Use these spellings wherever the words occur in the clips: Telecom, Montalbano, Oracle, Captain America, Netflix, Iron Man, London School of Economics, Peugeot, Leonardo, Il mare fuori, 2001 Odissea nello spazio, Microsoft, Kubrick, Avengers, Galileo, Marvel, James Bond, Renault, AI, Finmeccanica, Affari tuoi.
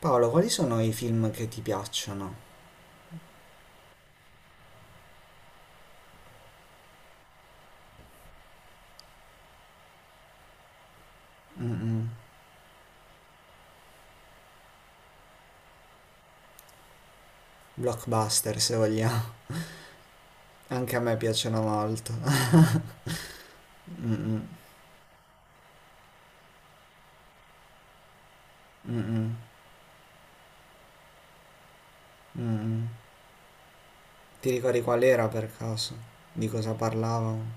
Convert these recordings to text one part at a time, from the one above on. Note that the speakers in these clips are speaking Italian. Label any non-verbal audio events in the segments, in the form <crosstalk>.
Paolo, quali sono i film che ti piacciono? Mm-mm. Blockbuster, se vogliamo. Anche a me piacciono molto. <laughs> Mm-mm. Mm-mm. Mm-mm. Ti ricordi qual era per caso? Di cosa parlavano?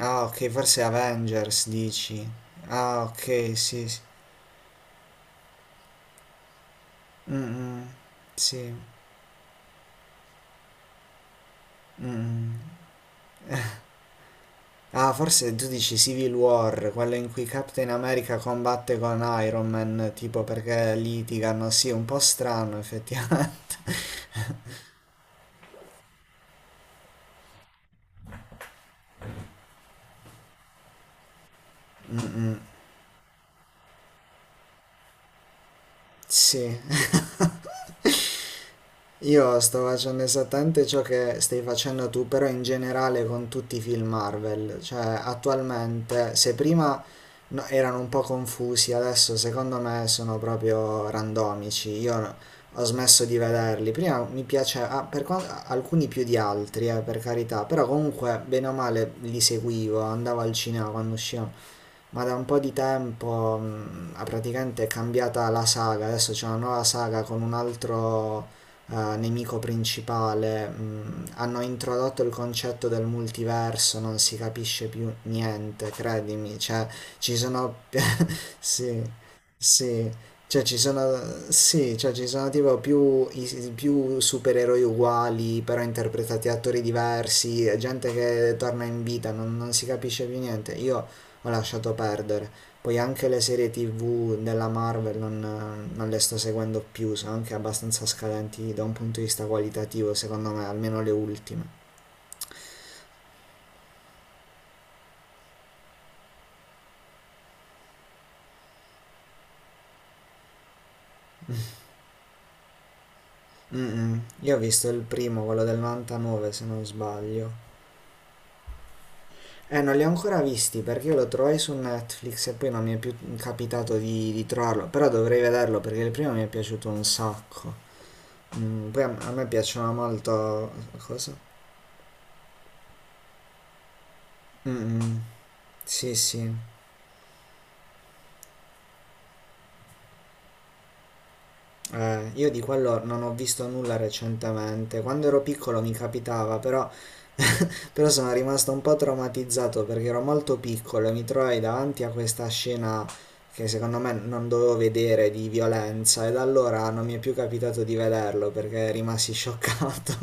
Ah, ok, forse Avengers, dici. Ah, ok, sì, sì. Mm-mm. Sì. Mm-mm. Ah, forse tu dici Civil War, quello in cui Captain America combatte con Iron Man, tipo perché litigano. Sì, un po' strano, effettivamente. Sì, io sto facendo esattamente ciò che stai facendo tu, però in generale con tutti i film Marvel, cioè attualmente se prima erano un po' confusi. Adesso secondo me sono proprio randomici, io ho smesso di vederli, prima mi piaceva, ah, alcuni più di altri, per carità, però comunque bene o male li seguivo, andavo al cinema quando uscivano, ma da un po' di tempo ha praticamente è cambiata la saga, adesso c'è una nuova saga con un altro nemico principale. Hanno introdotto il concetto del multiverso, non si capisce più niente, credimi, cioè ci sono... <laughs> sì, sì, cioè sì, cioè ci sono tipo più, più supereroi uguali, però interpretati da attori diversi, gente che torna in vita, non si capisce più niente, io ho lasciato perdere. Poi anche le serie TV della Marvel non le sto seguendo più, sono anche abbastanza scadenti da un punto di vista qualitativo, secondo me, almeno le ultime. Mm-mm. Io ho visto il primo, quello del 99 se non sbaglio. Non li ho ancora visti perché io lo trovai su Netflix e poi non mi è più capitato di trovarlo, però dovrei vederlo perché il primo mi è piaciuto un sacco. Poi a me piacciono molto. Cosa? Mm-mm. Sì, sì. Io di quello non ho visto nulla recentemente. Quando ero piccolo mi capitava, <laughs> però sono rimasto un po' traumatizzato perché ero molto piccolo e mi trovai davanti a questa scena che secondo me non dovevo vedere di violenza e da allora non mi è più capitato di vederlo perché rimasi scioccato.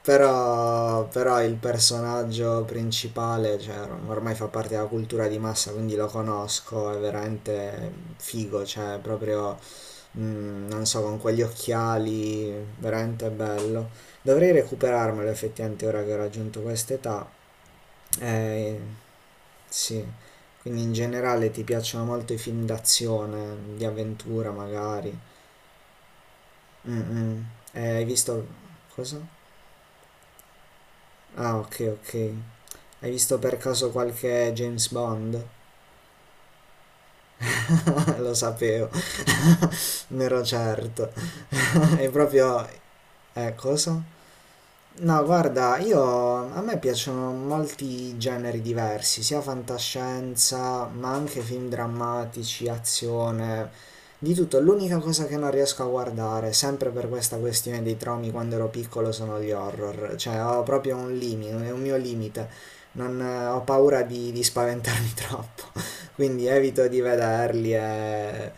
<laughs> Però, il personaggio principale, cioè, ormai fa parte della cultura di massa, quindi lo conosco, è veramente figo, cioè, proprio, non so, con quegli occhiali, veramente bello. Dovrei recuperarmelo effettivamente ora che ho raggiunto quest'età. Eh, sì, quindi in generale ti piacciono molto i film d'azione, di avventura magari. Mm, mm. Hai visto, cosa? Ah, ok, ok. Hai visto per caso qualche James Bond? <laughs> Lo sapevo, <laughs> ne ero certo. <laughs> È proprio. Cosa? No, guarda, io a me piacciono molti generi diversi, sia fantascienza, ma anche film drammatici, azione, di tutto. L'unica cosa che non riesco a guardare, sempre per questa questione dei traumi quando ero piccolo, sono gli horror. Cioè, ho proprio un limite, è un mio limite. Non, ho paura di spaventarmi <laughs> troppo, quindi evito di vederli.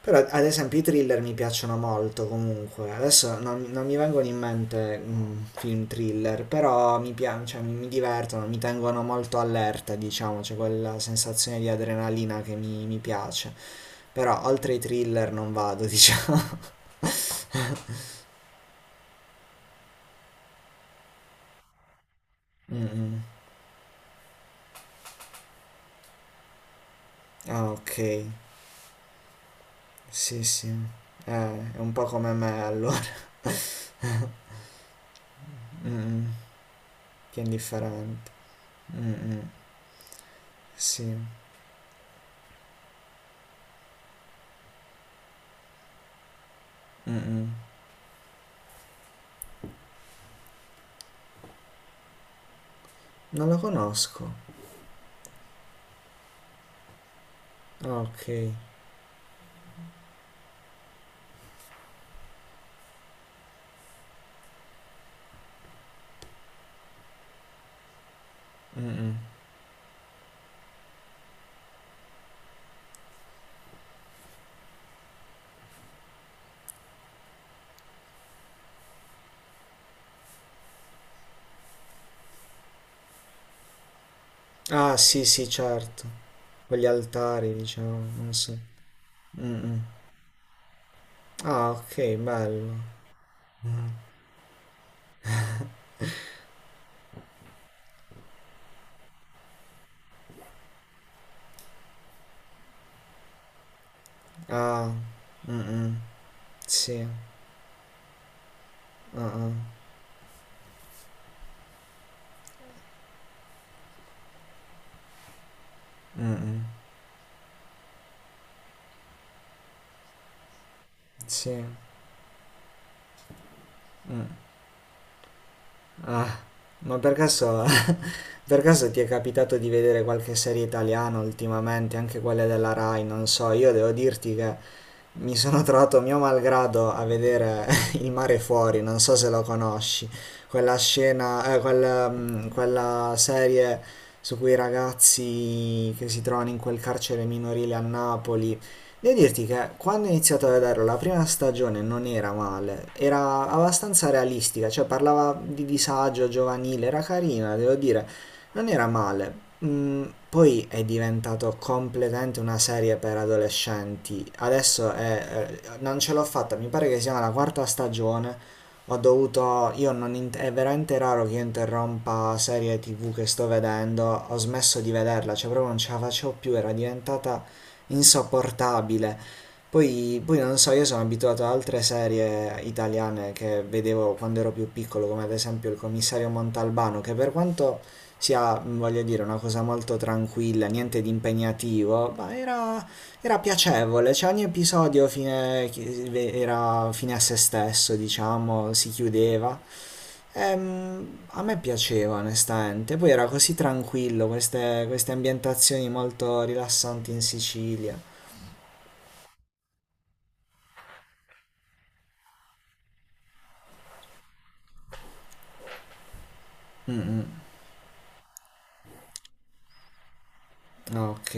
Però ad esempio i thriller mi piacciono molto comunque. Adesso non mi vengono in mente film thriller, però mi piacciono, cioè, mi divertono, mi tengono molto allerta, diciamo, c'è quella sensazione di adrenalina che mi piace. Però oltre i thriller non vado, diciamo. <laughs> Mm, mm. Ah, ok. Sì, sì. È un po' come me allora. <laughs> Mm, mm. Che indifferente. Mm, mm. Sì. Mm-mm. Non la conosco. Ah, ok. Mm-mm. Ah, sì, sì, certo. Quegli altari, diciamo, non so. Mm-mm. Ah, ok, bello. Ah, mm-mm. Sì. Ah, ah. Mm-mm. Sì. Mm. Ah, ma per caso <laughs> Per caso ti è capitato di vedere qualche serie italiana ultimamente, anche quelle della Rai? Non so, io devo dirti che mi sono trovato mio malgrado a vedere <laughs> Il mare fuori, non so se lo conosci, quella scena, quella, mm, quella serie su quei ragazzi che si trovano in quel carcere minorile a Napoli. Devo dirti che quando ho iniziato a vederlo la prima stagione non era male, era abbastanza realistica, cioè parlava di disagio giovanile, era carina, devo dire, non era male. Poi è diventato completamente una serie per adolescenti. Adesso non ce l'ho fatta, mi pare che sia la quarta stagione. Ho dovuto, io non int- è veramente raro che io interrompa serie TV che sto vedendo. Ho smesso di vederla, cioè proprio non ce la facevo più, era diventata insopportabile. Poi, non so, io sono abituato ad altre serie italiane che vedevo quando ero più piccolo, come ad esempio il commissario Montalbano, che per quanto sia, voglio dire, una cosa molto tranquilla, niente di impegnativo, ma era piacevole, cioè ogni episodio era fine a se stesso, diciamo, si chiudeva. A me piaceva onestamente, poi era così tranquillo, queste ambientazioni molto rilassanti in Sicilia. Ah, ok.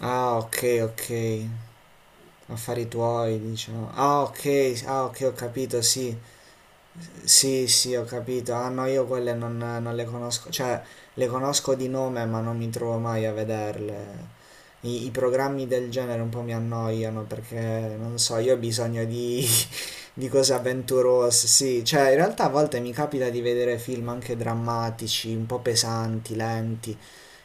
Ah, ok, ok. Affari tuoi, diciamo. Ah, ok, ah, ok, ho capito, sì. Sì, sì, ho capito. Ah, no, io quelle non le conosco, cioè le conosco di nome, ma non mi trovo mai a vederle. I programmi del genere un po' mi annoiano perché non so, io ho bisogno <laughs> di cose avventurose, sì, cioè in realtà a volte mi capita di vedere film anche drammatici, un po' pesanti, lenti,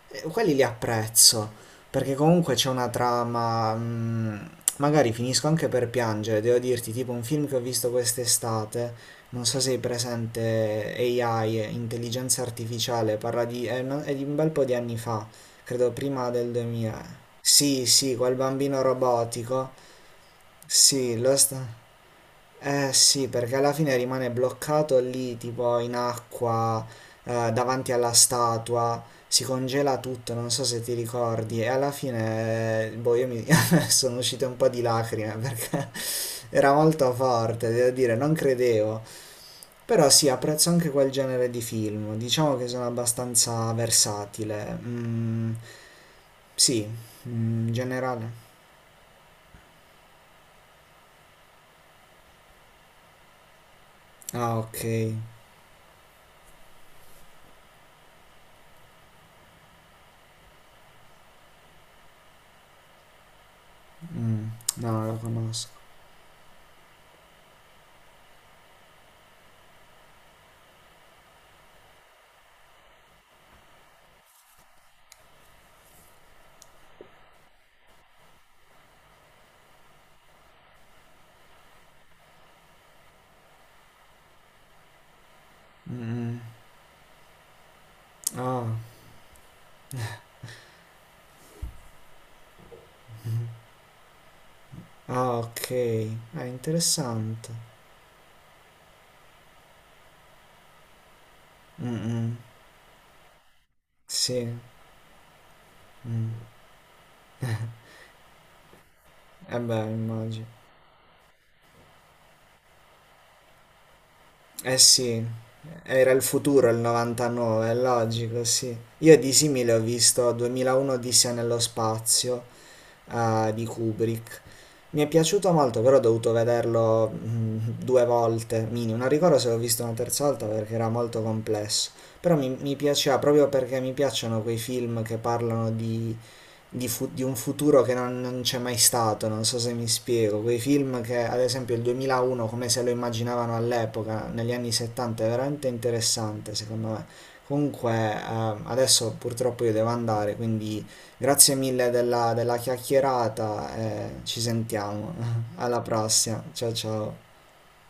quelli li apprezzo, perché comunque c'è una trama, magari finisco anche per piangere, devo dirti, tipo un film che ho visto quest'estate, non so se hai presente AI, intelligenza artificiale, parla di, è di un bel po' di anni fa, credo prima del 2000. Sì, sì, quel bambino robotico, sì, lo sta. Eh sì, perché alla fine rimane bloccato lì, tipo in acqua, davanti alla statua, si congela tutto, non so se ti ricordi, e alla fine, boh, io mi <laughs> sono uscite un po' di lacrime perché <laughs> era molto forte, devo dire, non credevo. Però sì, apprezzo anche quel genere di film, diciamo che sono abbastanza versatile. Sì, in generale. Ah, ok. Mm, no, non lo conosco. Mm, mm. Ah. Ah, ok. È interessante. Mm, mm. Sì. Mm. Eh beh, immagino. Eh sì. Era il futuro, il 99, è logico, sì. Io di simile ho visto 2001 Odissea nello spazio, di Kubrick. Mi è piaciuto molto, però ho dovuto vederlo due volte, minimo. Non ricordo se l'ho visto una terza volta perché era molto complesso. Però mi piaceva proprio perché mi piacciono quei film che parlano di un futuro che non c'è mai stato, non so se mi spiego. Quei film che, ad esempio, il 2001, come se lo immaginavano all'epoca, negli anni 70, è veramente interessante, secondo me. Comunque, adesso purtroppo io devo andare, quindi grazie mille della chiacchierata e ci sentiamo. <laughs> Alla prossima, ciao ciao.